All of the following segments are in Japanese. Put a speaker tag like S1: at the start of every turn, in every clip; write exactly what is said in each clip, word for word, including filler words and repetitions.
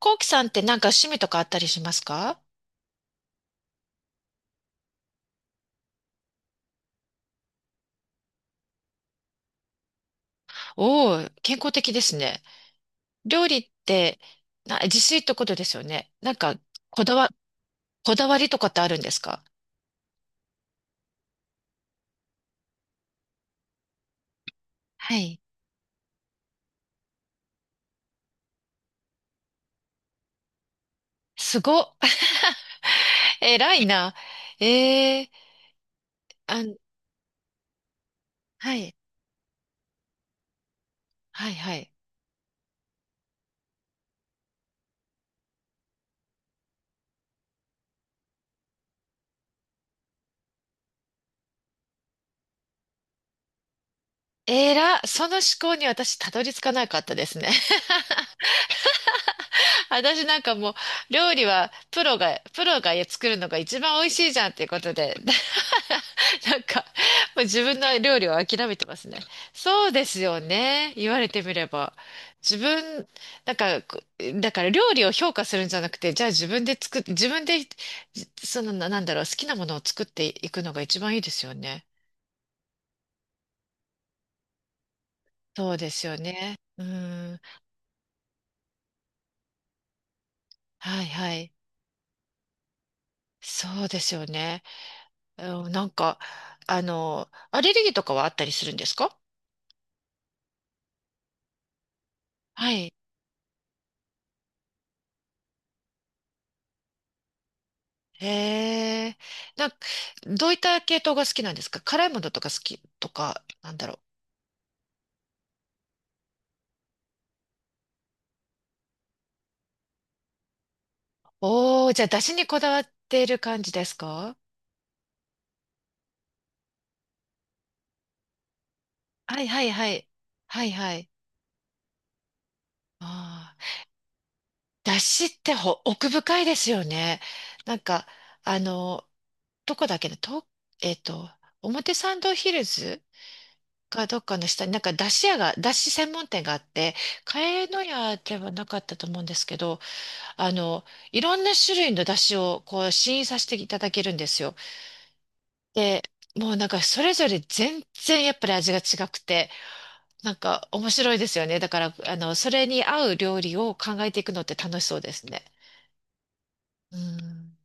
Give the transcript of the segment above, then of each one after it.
S1: コウキさんってなんか趣味とかあったりしますか？おおー、健康的ですね。料理ってな自炊ってことですよね。なんかこだわ、こだわりとかってあるんですか？はい。すごっ。偉いな。えー、あん、はい、はい、はい。えら、その思考に私たどり着かなかったですね。私なんかもう料理はプロが、プロが作るのが一番美味しいじゃんっていうことで。なんか、もう自分の料理を諦めてますね。そうですよね。言われてみれば。自分、なんか、こだから料理を評価するんじゃなくて、じゃあ自分で作っ、自分で、じその、ななんだろう、好きなものを作っていくのが一番いいですよね。そうですよね。うん。はいはい。そうですよね。うん、なんか、あの、アレルギーとかはあったりするんですか？はい。へえ。なんか、どういった系統が好きなんですか？辛いものとか好きとか、なんだろう。おー、じゃあ、出汁にこだわっている感じですか？はいはいはい。はいはい。ああ。出汁ってほ奥深いですよね。なんか、あの、どこだっけね、と、えっと、表参道ヒルズかどっかの下に、なんか出汁屋が、出汁専門店があって、茅野屋ではなかったと思うんですけど、あの、いろんな種類の出汁をこう試飲させていただけるんですよ。で、もうなんかそれぞれ全然やっぱり味が違くて、なんか面白いですよね。だから、あの、それに合う料理を考えていくのって楽しそうですね。うん。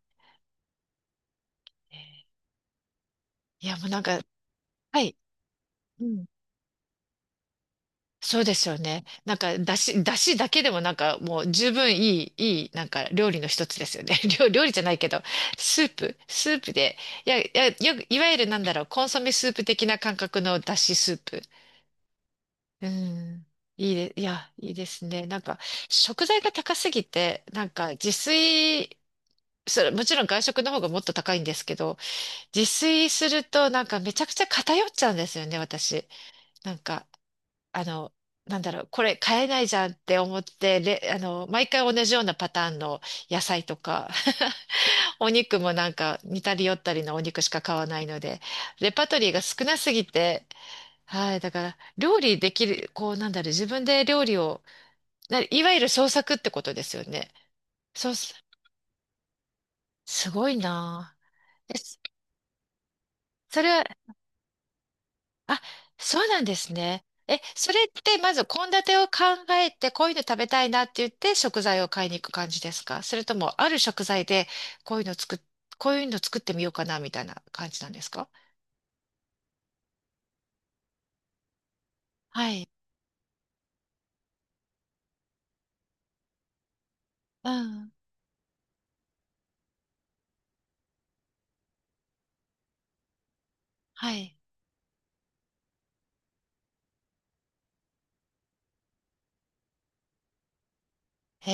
S1: いや、もうなんか、はい。うん。そうですよね。なんか、だし、だしだけでもなんかもう十分いい、いい、なんか料理の一つですよね。料、料理じゃないけど、スープ、スープで、いや、いや、よく、いわゆるなんだろう、コンソメスープ的な感覚のだしスープ。うん。いいで、いや、いいですね。なんか、食材が高すぎて、なんか自炊、それ、もちろん外食の方がもっと高いんですけど、自炊するとなんかめちゃくちゃ偏っちゃうんですよね、私。なんか。あの、なんだろう、これ買えないじゃんって思って、れ、あの、毎回同じようなパターンの野菜とか、お肉もなんか似たり寄ったりのお肉しか買わないので、レパートリーが少なすぎて、はい、だから、料理できる、こう、なんだろう、自分で料理を、ないわゆる創作ってことですよね。そう、すすごいなぁ。えそれは、あ、そうなんですね。え、それってまず献立を考えて、こういうの食べたいなって言って食材を買いに行く感じですか？それとも、ある食材でこういうの作っ、こういうの作ってみようかなみたいな感じなんですか？はい。うん。はい。へ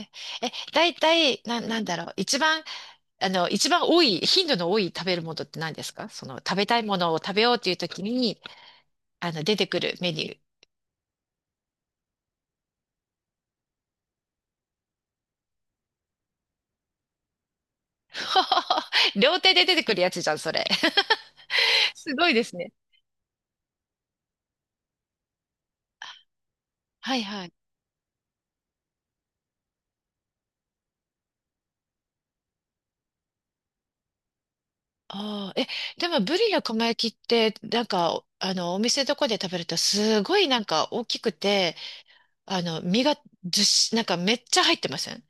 S1: え。え、だいたい、な、なんだろう。一番、あの、一番多い、頻度の多い食べるものって何ですか？その、食べたいものを食べようっていう時に、あの、出てくるメニュー。両手で出てくるやつじゃん、それ。すごいですね。はいはい。ああ、え、でもブリの釜焼きって、なんか、あの、お店とかで食べると、すごいなんか大きくて、あの、身がずっし、なんかめっちゃ入ってません？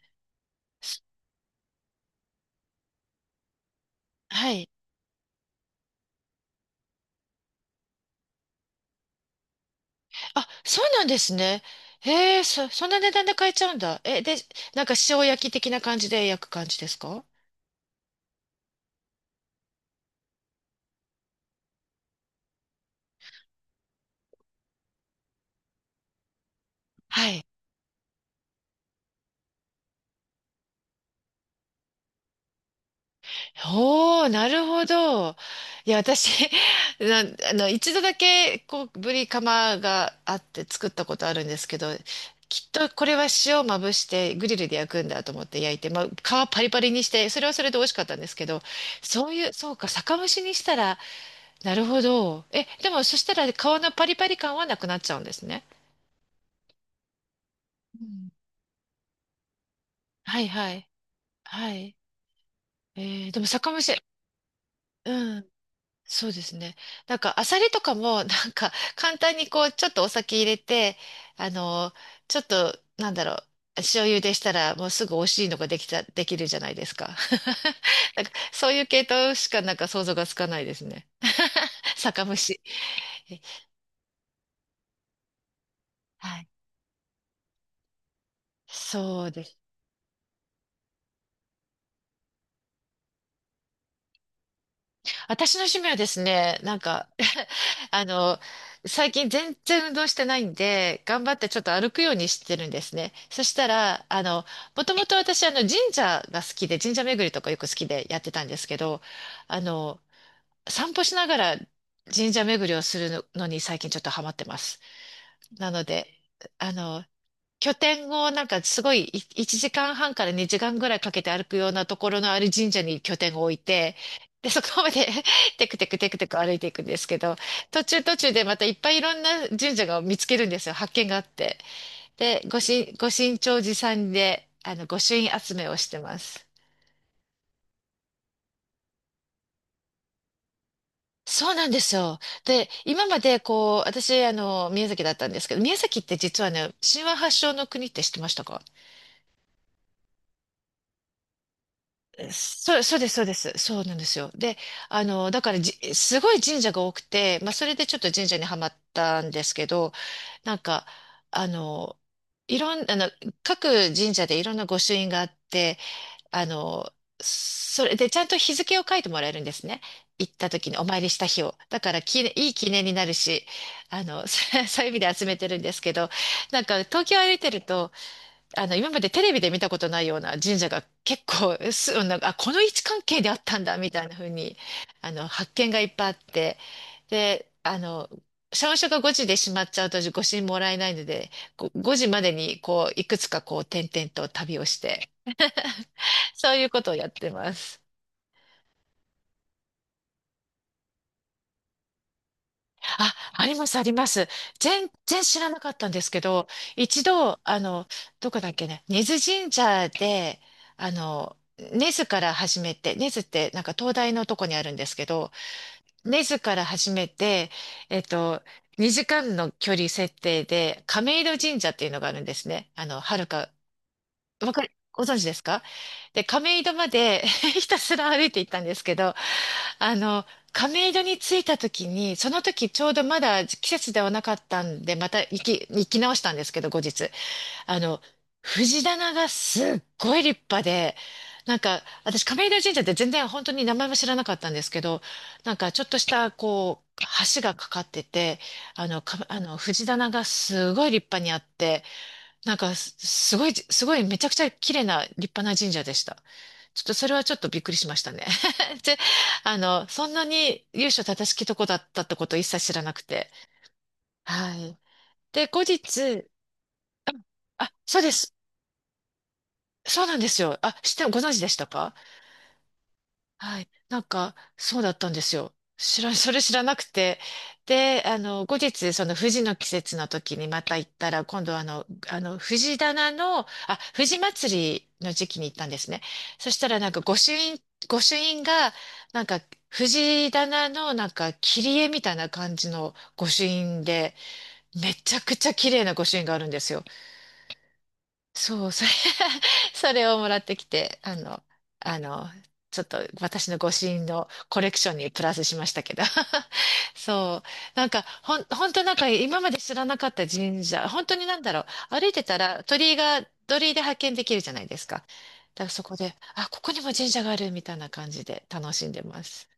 S1: すはい。あ、そうなんですね。へえ、そ、そんな値段で買えちゃうんだ。え、で、なんか塩焼き的な感じで焼く感じですか？はい。おー、なるほど。いや、私、な、あの、一度だけ、こう、ぶりカマがあって作ったことあるんですけど、きっとこれは塩をまぶしてグリルで焼くんだと思って焼いて、まあ、皮パリパリにして、それはそれで美味しかったんですけど、そういう、そうか、酒蒸しにしたら、なるほど。え、でもそしたら皮のパリパリ感はなくなっちゃうんですね。うん。はいはい。はい。えーでも酒蒸し、うん。そうですね。なんか、アサリとかも、なんか、簡単にこう、ちょっとお酒入れて、あの、ちょっと、なんだろう、塩茹でしたら、もうすぐ美味しいのができた、できるじゃないですか。なんか、そういう系統しか、なんか想像がつかないですね。酒蒸し。はい。そうです。私の趣味はですね、なんか あの、最近全然運動してないんで、頑張ってちょっと歩くようにしてるんですね。そしたら、あの、もともと私、あの、神社が好きで、神社巡りとかよく好きでやってたんですけど、あの、散歩しながら神社巡りをするのに最近ちょっとハマってます。なので、あの、拠点をなんかすごいいいちじかんはんからにじかんぐらいかけて歩くようなところのある神社に拠点を置いて、で、そこまで テクテクテクテク歩いていくんですけど、途中途中でまたいっぱいいろんな神社が見つけるんですよ。発見があって。で、ご神、ご神長寺さんで、あの、御朱印集めをしてます。そうなんですよ。で、今までこう、私、あの、宮崎だったんですけど、宮崎って実はね、神話発祥の国って知ってましたか？そう、そうです、そうです。そうなんですよ。で、あの、だからじ、すごい神社が多くて、まあ、それでちょっと神社にはまったんですけど、なんか、あの、いろん、あの、各神社でいろんな御朱印があって、あの、それでちゃんと日付を書いてもらえるんですね。行った時にお参りした日を。だからき、いい記念になるし、あの、そういう意味で集めてるんですけど、なんか東京歩いてると、あの、今までテレビで見たことないような神社が結構、す、なんか、あ、この位置関係であったんだ、みたいな風に、あの、発見がいっぱいあって、で、あの、社務所がごじで閉まっちゃうとご支もらえないので、ごごじまでに、こう、いくつかこう、点々と旅をして、そういうことをやってます。あ、あります、あります。全然知らなかったんですけど、一度、あの、どこだっけね、根津神社で、あの、根津から始めて、根津ってなんか東大のとこにあるんですけど、根津から始めて、えっと、にじかんの距離設定で、亀戸神社っていうのがあるんですね。あの、はるか、わかり、ご存知ですか？で、亀戸まで ひたすら歩いて行ったんですけど、あの、亀戸に着いた時に、その時ちょうどまだ季節ではなかったんで、また行き、行き直したんですけど、後日。あの、藤棚がすっごい立派で、なんか、私亀戸神社って全然本当に名前も知らなかったんですけど、なんかちょっとした、こう、橋がかかってて、あの、か、あの、藤棚がすごい立派にあって、なんかす、すごい、すごい、めちゃくちゃ綺麗な立派な神社でした。ちょっとそれはちょっとびっくりしましたね。で、あの、そんなに由緒正しきとこだったってことを一切知らなくて。はい。で、後日、あ、そうです。そうなんですよ。あ、して、ご存知でしたか？はい。なんか、そうだったんですよ。知ら、それ知らなくて。で、あの、後日、その藤の季節の時にまた行ったら、今度はあの、あの、藤棚の、あ、藤祭りの時期に行ったんですね。そしたらなんか、御朱印、御朱印が、なんか、藤棚のなんか、切り絵みたいな感じの御朱印で、めちゃくちゃ綺麗な御朱印があるんですよ。そう、それ それをもらってきて、あの、あの、ちょっと私の御朱印のコレクションにプラスしましたけど。そう。なんか、ほん、本当なんか今まで知らなかった神社、本当になんだろう。歩いてたら鳥居が、鳥居で発見できるじゃないですか。だからそこで、あ、ここにも神社があるみたいな感じで楽しんでます。